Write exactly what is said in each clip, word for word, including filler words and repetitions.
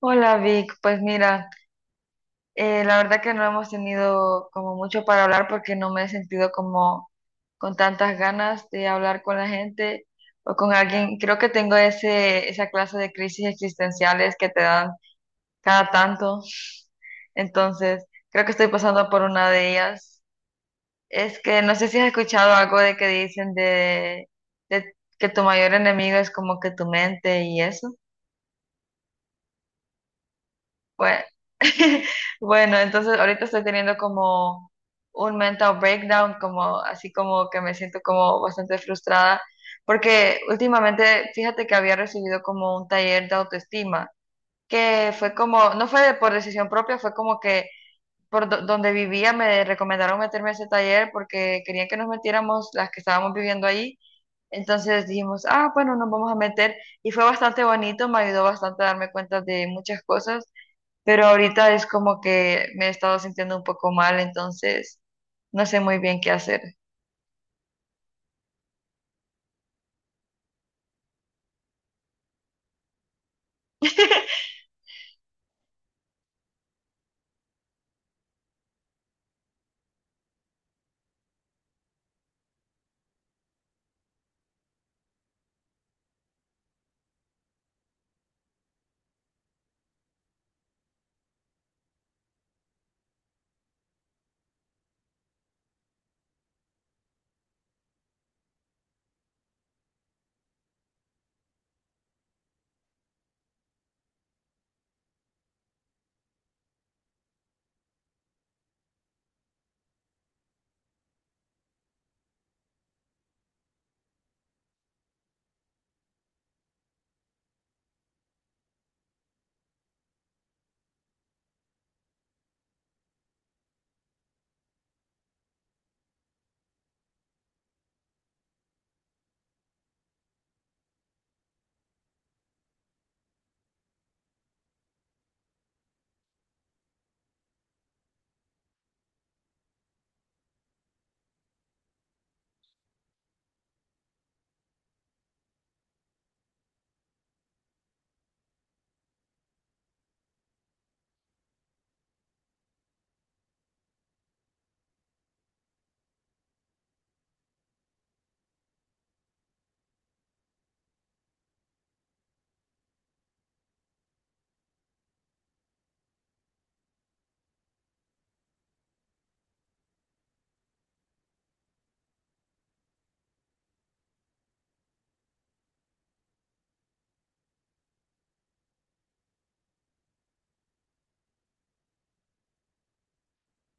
Hola Vic, pues mira, eh, la verdad que no hemos tenido como mucho para hablar porque no me he sentido como con tantas ganas de hablar con la gente o con alguien. Creo que tengo ese, esa clase de crisis existenciales que te dan cada tanto. Entonces, creo que estoy pasando por una de ellas. Es que no sé si has escuchado algo de que dicen de, de que tu mayor enemigo es como que tu mente y eso. Bueno, bueno, entonces ahorita estoy teniendo como un mental breakdown, como así como que me siento como bastante frustrada, porque últimamente, fíjate que había recibido como un taller de autoestima, que fue como, no fue de- por decisión propia, fue como que por do- donde vivía me recomendaron meterme a ese taller porque querían que nos metiéramos las que estábamos viviendo ahí. Entonces dijimos, ah, bueno, nos vamos a meter y fue bastante bonito, me ayudó bastante a darme cuenta de muchas cosas, pero ahorita es como que me he estado sintiendo un poco mal, entonces no sé muy bien qué hacer.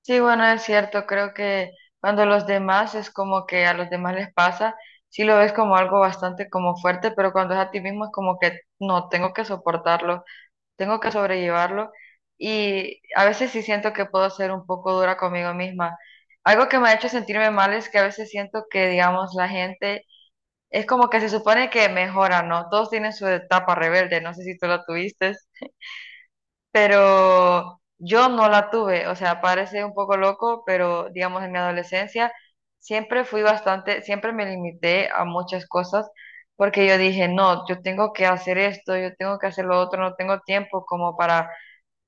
Sí, bueno, es cierto, creo que cuando los demás es como que a los demás les pasa, sí lo ves como algo bastante como fuerte, pero cuando es a ti mismo es como que no, tengo que soportarlo, tengo que sobrellevarlo, y a veces sí siento que puedo ser un poco dura conmigo misma. Algo que me ha hecho sentirme mal es que a veces siento que, digamos, la gente es como que se supone que mejora, ¿no? Todos tienen su etapa rebelde, no sé si tú la tuviste, pero yo no la tuve, o sea, parece un poco loco, pero digamos en mi adolescencia siempre fui bastante, siempre me limité a muchas cosas porque yo dije, no, yo tengo que hacer esto, yo tengo que hacer lo otro, no tengo tiempo como para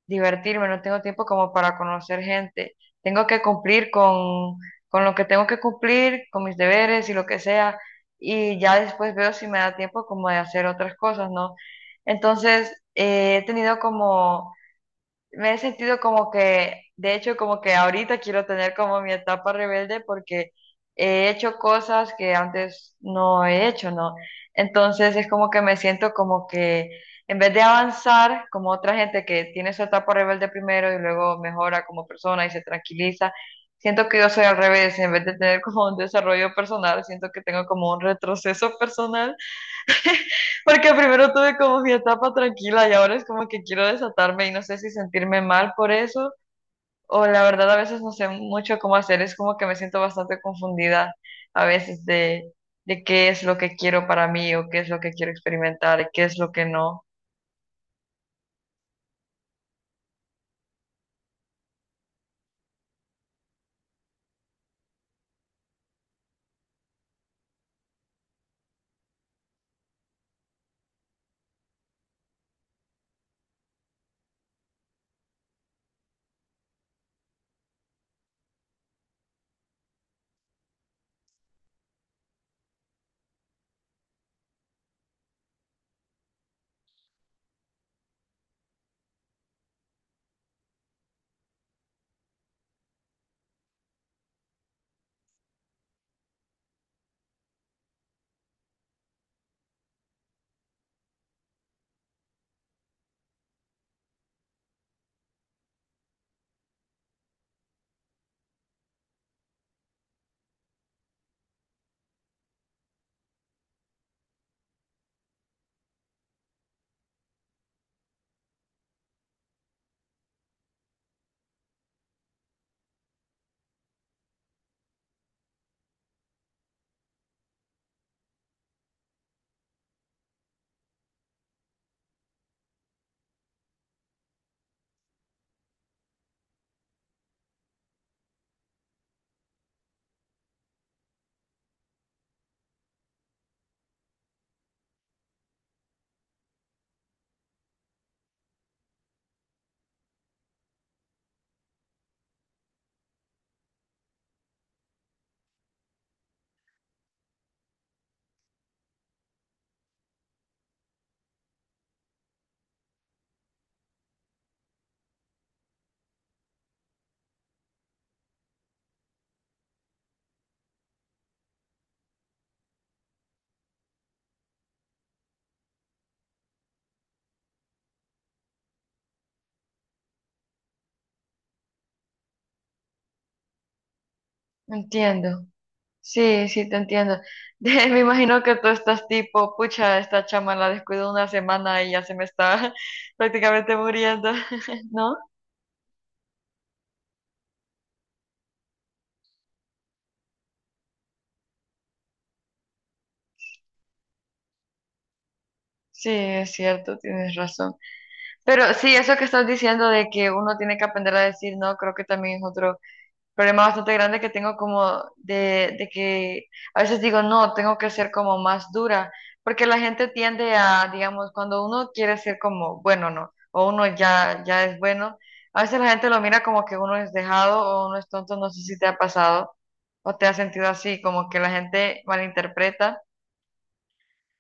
divertirme, no tengo tiempo como para conocer gente. Tengo que cumplir con, con lo que tengo que cumplir, con mis deberes y lo que sea, y ya después veo si me da tiempo como de hacer otras cosas, ¿no? Entonces, eh, he tenido como, me he sentido como que, de hecho, como que ahorita quiero tener como mi etapa rebelde porque he hecho cosas que antes no he hecho, ¿no? Entonces es como que me siento como que en vez de avanzar como otra gente que tiene su etapa rebelde primero y luego mejora como persona y se tranquiliza, siento que yo soy al revés, en vez de tener como un desarrollo personal, siento que tengo como un retroceso personal porque primero tuve como mi etapa tranquila y ahora es como que quiero desatarme y no sé si sentirme mal por eso o la verdad a veces no sé mucho cómo hacer, es como que me siento bastante confundida a veces de, de qué es lo que quiero para mí o qué es lo que quiero experimentar y qué es lo que no. Entiendo. Sí, sí, te entiendo. De- me imagino que tú estás tipo, pucha, esta chama la descuido una semana y ya se me está prácticamente muriendo, ¿no? Sí, es cierto, tienes razón. Pero sí, eso que estás diciendo de que uno tiene que aprender a decir no, creo que también es otro problema bastante grande que tengo como de, de que a veces digo no, tengo que ser como más dura, porque la gente tiende a, digamos, cuando uno quiere ser como bueno, no, o uno ya, ya es bueno, a veces la gente lo mira como que uno es dejado o uno es tonto, no sé si te ha pasado o te has sentido así, como que la gente malinterpreta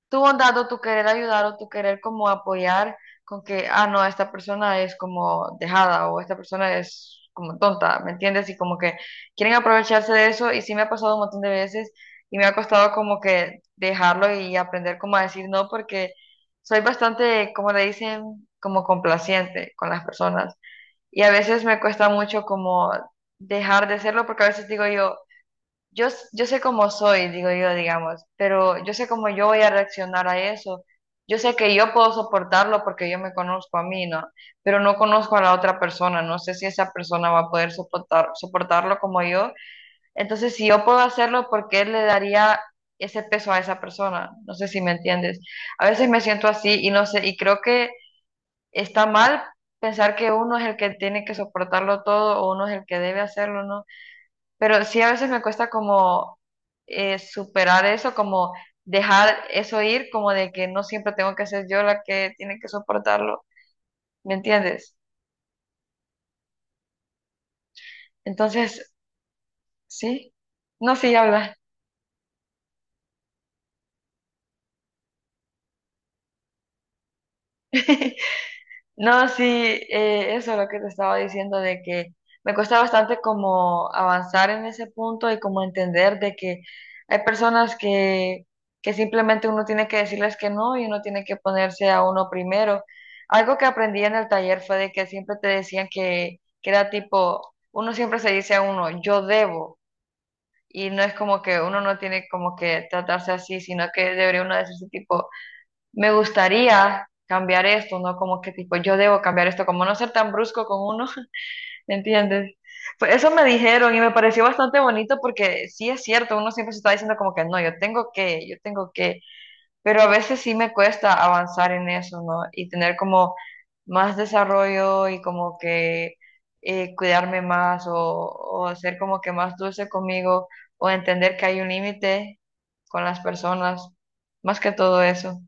tu bondad o tu querer ayudar o tu querer como apoyar con que, ah, no, esta persona es como dejada o esta persona es como tonta, ¿me entiendes? Y como que quieren aprovecharse de eso y sí me ha pasado un montón de veces y me ha costado como que dejarlo y aprender como a decir no porque soy bastante, como le dicen, como complaciente con las personas y a veces me cuesta mucho como dejar de serlo porque a veces digo yo, yo, yo sé cómo soy, digo yo, digamos, pero yo sé cómo yo voy a reaccionar a eso. Yo sé que yo puedo soportarlo porque yo me conozco a mí, ¿no? Pero no conozco a la otra persona, no sé si esa persona va a poder soportar, soportarlo como yo. Entonces, si yo puedo hacerlo, ¿por qué le daría ese peso a esa persona? No sé si me entiendes. A veces me siento así y no sé, y creo que está mal pensar que uno es el que tiene que soportarlo todo o uno es el que debe hacerlo, ¿no? Pero sí a veces me cuesta como eh, superar eso, como dejar eso ir, como de que no siempre tengo que ser yo la que tiene que soportarlo, ¿me entiendes? Entonces, sí, no, sí, habla. No, sí, eh, eso es lo que te estaba diciendo de que me cuesta bastante como avanzar en ese punto y como entender de que hay personas que, que simplemente uno tiene que decirles que no y uno tiene que ponerse a uno primero. Algo que aprendí en el taller fue de que siempre te decían que, que era tipo, uno siempre se dice a uno, yo debo, y no es como que uno no tiene como que tratarse así, sino que debería uno decirse tipo, me gustaría cambiar esto, ¿no? Como que tipo, yo debo cambiar esto, como no ser tan brusco con uno, ¿entiendes? Pues eso me dijeron y me pareció bastante bonito porque sí es cierto, uno siempre se está diciendo como que no, yo tengo que, yo tengo que, pero a veces sí me cuesta avanzar en eso, ¿no? Y tener como más desarrollo y como que eh, cuidarme más o, o ser como que más dulce conmigo o entender que hay un límite con las personas, más que todo eso.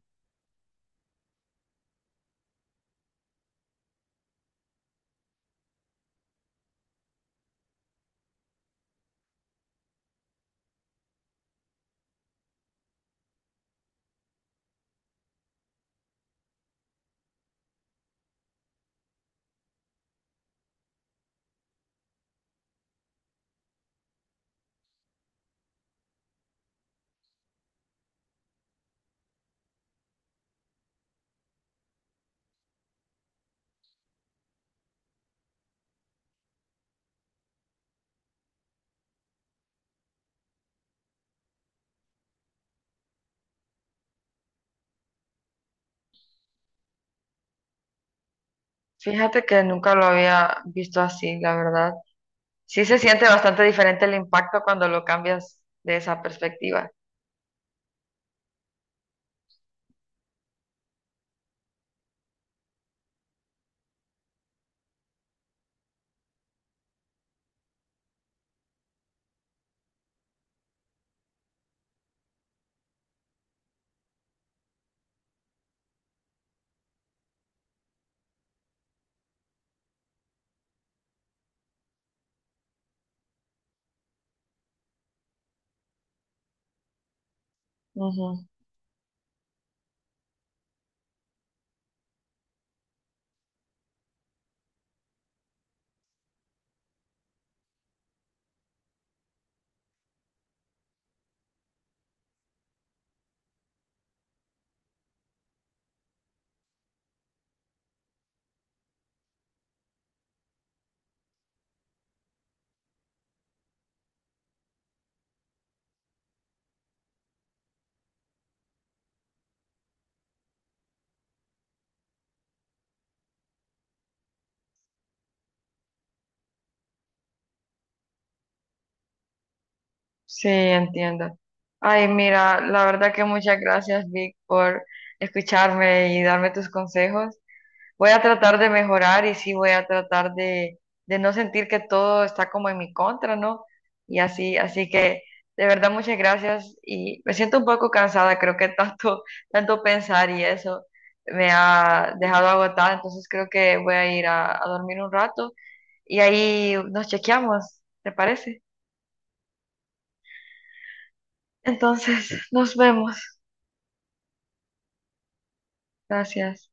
Fíjate que nunca lo había visto así, la verdad. Sí se siente bastante diferente el impacto cuando lo cambias de esa perspectiva. Ujú. Sí, entiendo. Ay, mira, la verdad que muchas gracias, Vic, por escucharme y darme tus consejos. Voy a tratar de mejorar y sí voy a tratar de, de no sentir que todo está como en mi contra, ¿no? Y así, así que de verdad muchas gracias y me siento un poco cansada, creo que tanto, tanto pensar y eso me ha dejado agotada, entonces creo que voy a ir a, a dormir un rato y ahí nos chequeamos, ¿te parece? Entonces, nos vemos. Gracias.